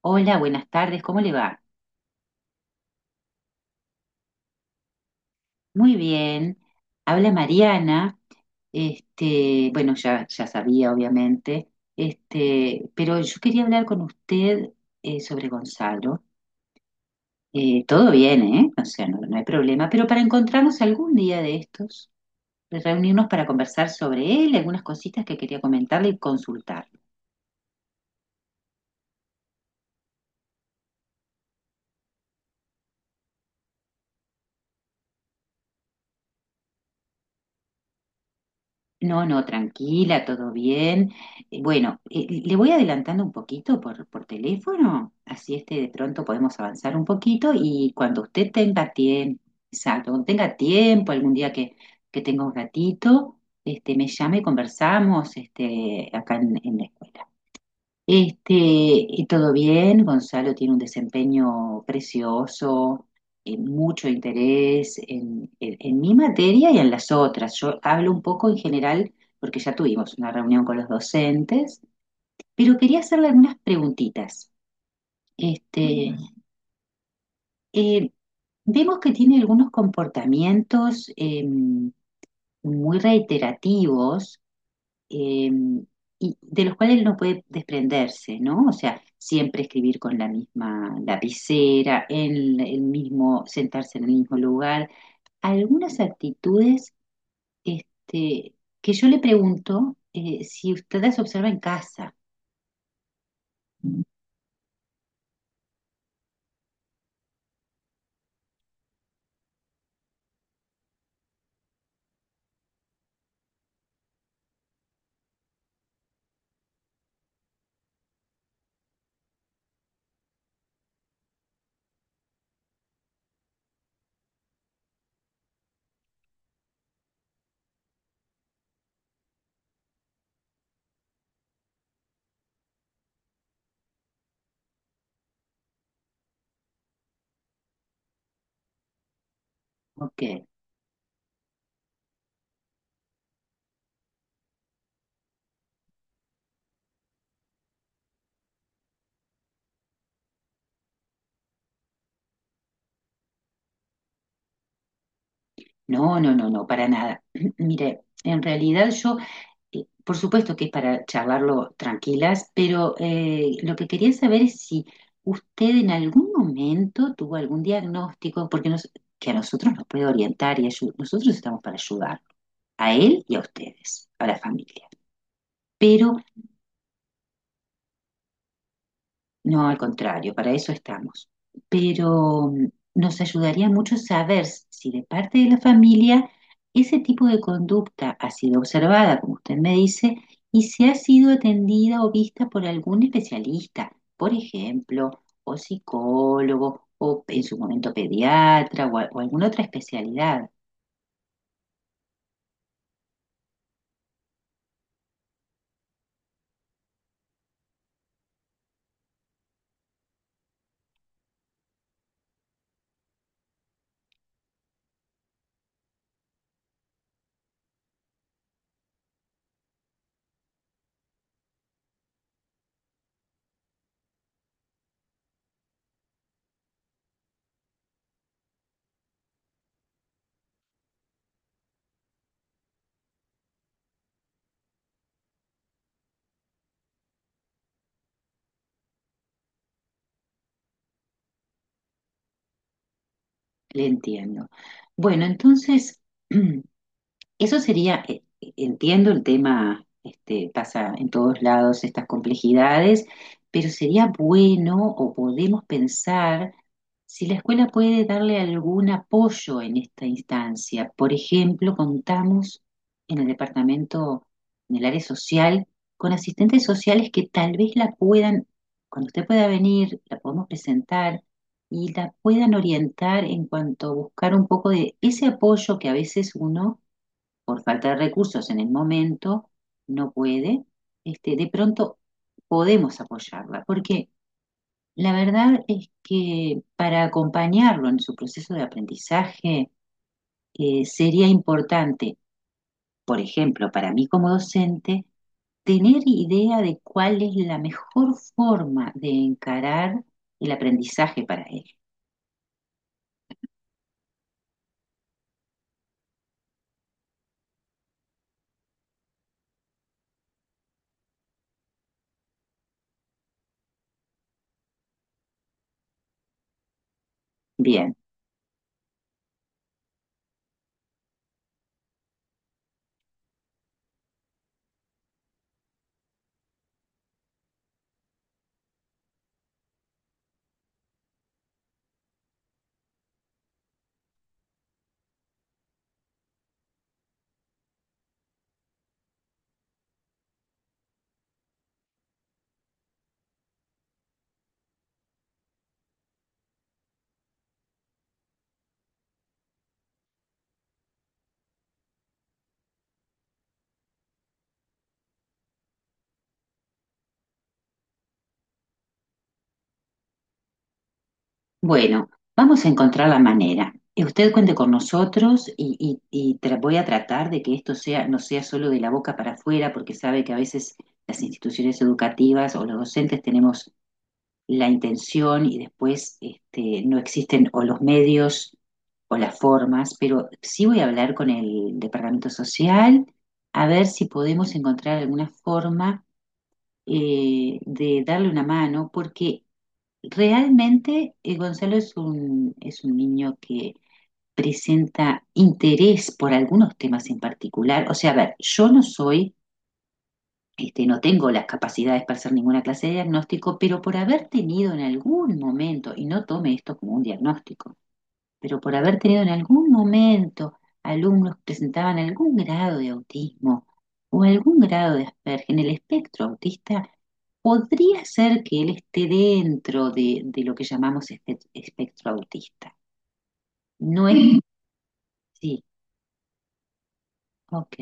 Hola, buenas tardes, ¿cómo le va? Muy bien, habla Mariana. Ya sabía, obviamente. Pero yo quería hablar con usted sobre Gonzalo. Todo bien, ¿eh? O sea, no hay problema. Pero para encontrarnos algún día de estos, de reunirnos para conversar sobre él, algunas cositas que quería comentarle y consultar. No, no, tranquila, todo bien. Bueno, Le voy adelantando un poquito por teléfono, así este de pronto podemos avanzar un poquito y cuando usted tenga tiempo, exacto, cuando tenga tiempo, que tenga un ratito, este, me llame y conversamos, este, en la escuela. Y todo bien, Gonzalo tiene un desempeño precioso, mucho interés en mi materia y en las otras. Yo hablo un poco en general porque ya tuvimos una reunión con los docentes, pero quería hacerle algunas preguntitas. Este, ujú. eh, Vemos que tiene algunos comportamientos muy reiterativos, eh, y de los cuales él no puede desprenderse, ¿no? O sea, siempre escribir con la misma lapicera, el mismo, sentarse en el mismo lugar. Algunas actitudes, este, que yo le pregunto, si usted las observa en casa. Ok, no, no, no, no, para nada. Mire, en realidad yo... Por supuesto que es para charlarlo tranquilas, pero lo que quería saber es si usted en algún momento tuvo algún diagnóstico, que a nosotros nos puede orientar y nosotros estamos para ayudar a él y a ustedes, a la familia. Pero... No, al contrario, para eso estamos. Pero nos ayudaría mucho saber si de parte de la familia ese tipo de conducta ha sido observada, como usted me dice, y si ha sido atendida o vista por algún especialista, por ejemplo, o psicólogo, o en su momento pediatra, o alguna otra especialidad. Le entiendo. Bueno, entonces, eso sería, entiendo el tema, este, pasa en todos lados estas complejidades, pero sería bueno o podemos pensar si la escuela puede darle algún apoyo en esta instancia. Por ejemplo, contamos en el departamento, en el área social, con asistentes sociales que tal vez la puedan, cuando usted pueda venir, la podemos presentar y la puedan orientar en cuanto a buscar un poco de ese apoyo que a veces uno por falta de recursos en el momento, no puede, este, de pronto podemos apoyarla, porque la verdad es que para acompañarlo en su proceso de aprendizaje, sería importante, por ejemplo, para mí como docente, tener idea de cuál es la mejor forma de encarar el aprendizaje para él. Bien. Bueno, vamos a encontrar la manera. Usted cuente con nosotros y, voy a tratar de que esto sea, no sea solo de la boca para afuera, porque sabe que a veces las instituciones educativas o los docentes tenemos la intención y después este, no existen o los medios o las formas, pero sí voy a hablar con el Departamento Social a ver si podemos encontrar alguna forma, de darle una mano, porque realmente, Gonzalo es un niño que presenta interés por algunos temas en particular. O sea, a ver, yo no soy, este, no tengo las capacidades para hacer ninguna clase de diagnóstico, pero por haber tenido en algún momento, y no tome esto como un diagnóstico, pero por haber tenido en algún momento alumnos que presentaban algún grado de autismo o algún grado de Asperger en el espectro autista, podría ser que él esté de lo que llamamos espectro autista. No es... Sí. Sí, ok.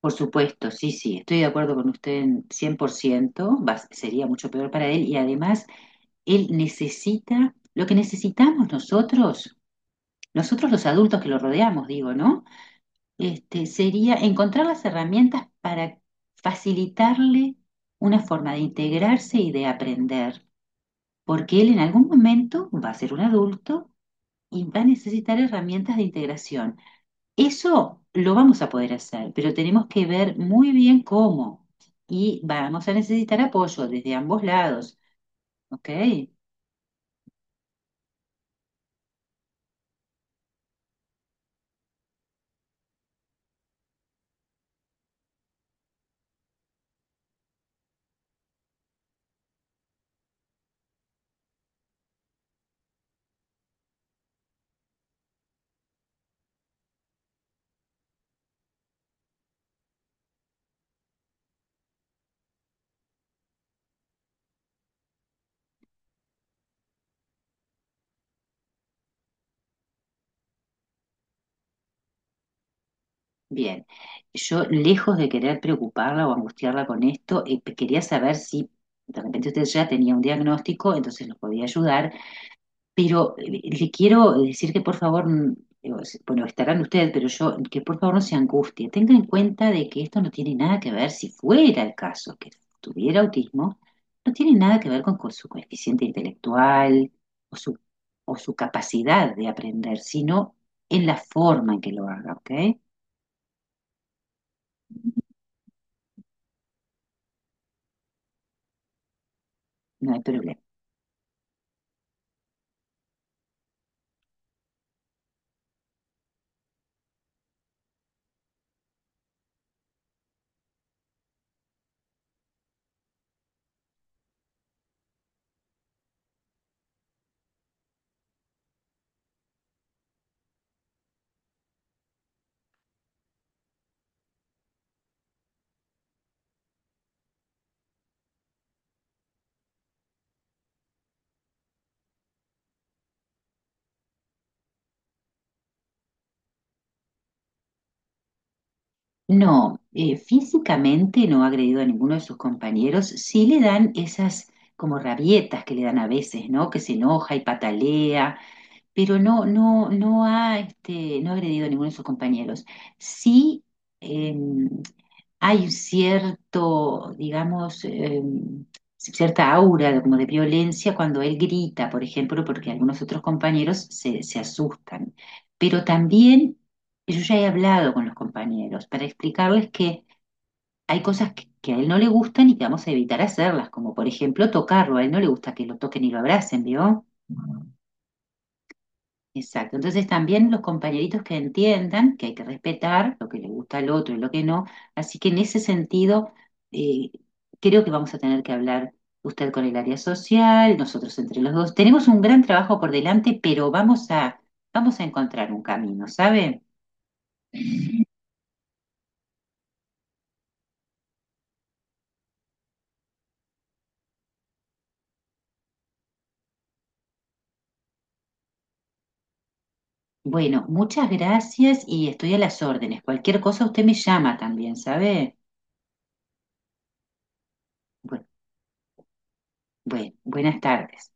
Por supuesto, sí, sí, estoy de acuerdo con usted en 100%, sería mucho peor para él y además él necesita lo que necesitamos nosotros, nosotros los adultos que lo rodeamos, digo, ¿no? Este, sería encontrar las herramientas para facilitarle una forma de integrarse y de aprender, porque él en algún momento va a ser un adulto y va a necesitar herramientas de integración. Eso lo vamos a poder hacer, pero tenemos que ver muy bien cómo y vamos a necesitar apoyo desde ambos lados, ¿ok? Bien, yo lejos de querer preocuparla o angustiarla con esto, quería saber si de repente usted ya tenía un diagnóstico, entonces nos podía ayudar, pero le quiero decir que por favor, digo, bueno, estarán usted, pero yo, que por favor no se angustie, tenga en cuenta de que esto no tiene nada que ver, si fuera el caso que tuviera autismo, no tiene nada que ver con su coeficiente intelectual o su, o su capacidad de aprender, sino en la forma en que lo haga, ¿ok? No hay problema. No, físicamente no ha agredido a ninguno de sus compañeros. Sí le dan esas como rabietas que le dan a veces, ¿no? Que se enoja y patalea, pero no ha agredido a ninguno de sus compañeros. Sí, em, hay cierto, digamos, cierta aura de- como de violencia cuando él grita, por ejemplo, porque algunos otros compañeros se asustan. Pero también yo ya he hablado con los compañeros para explicarles que hay cosas que a él no le gustan y que vamos a evitar hacerlas, como por ejemplo tocarlo. A él no le gusta que lo toquen y lo abracen, ¿vio? Exacto. Entonces también los compañeritos que entiendan que hay que respetar lo que le gusta al otro y lo que no. Así que en ese sentido, eh, creo que vamos a tener que hablar usted con el área social, nosotros entre los dos. Tenemos un gran trabajo por delante, pero vamos a encontrar un camino, ¿sabe? Bueno, muchas gracias y estoy a las órdenes. Cualquier cosa usted me llama también, ¿sabe? Bueno, bueno, buenas tardes.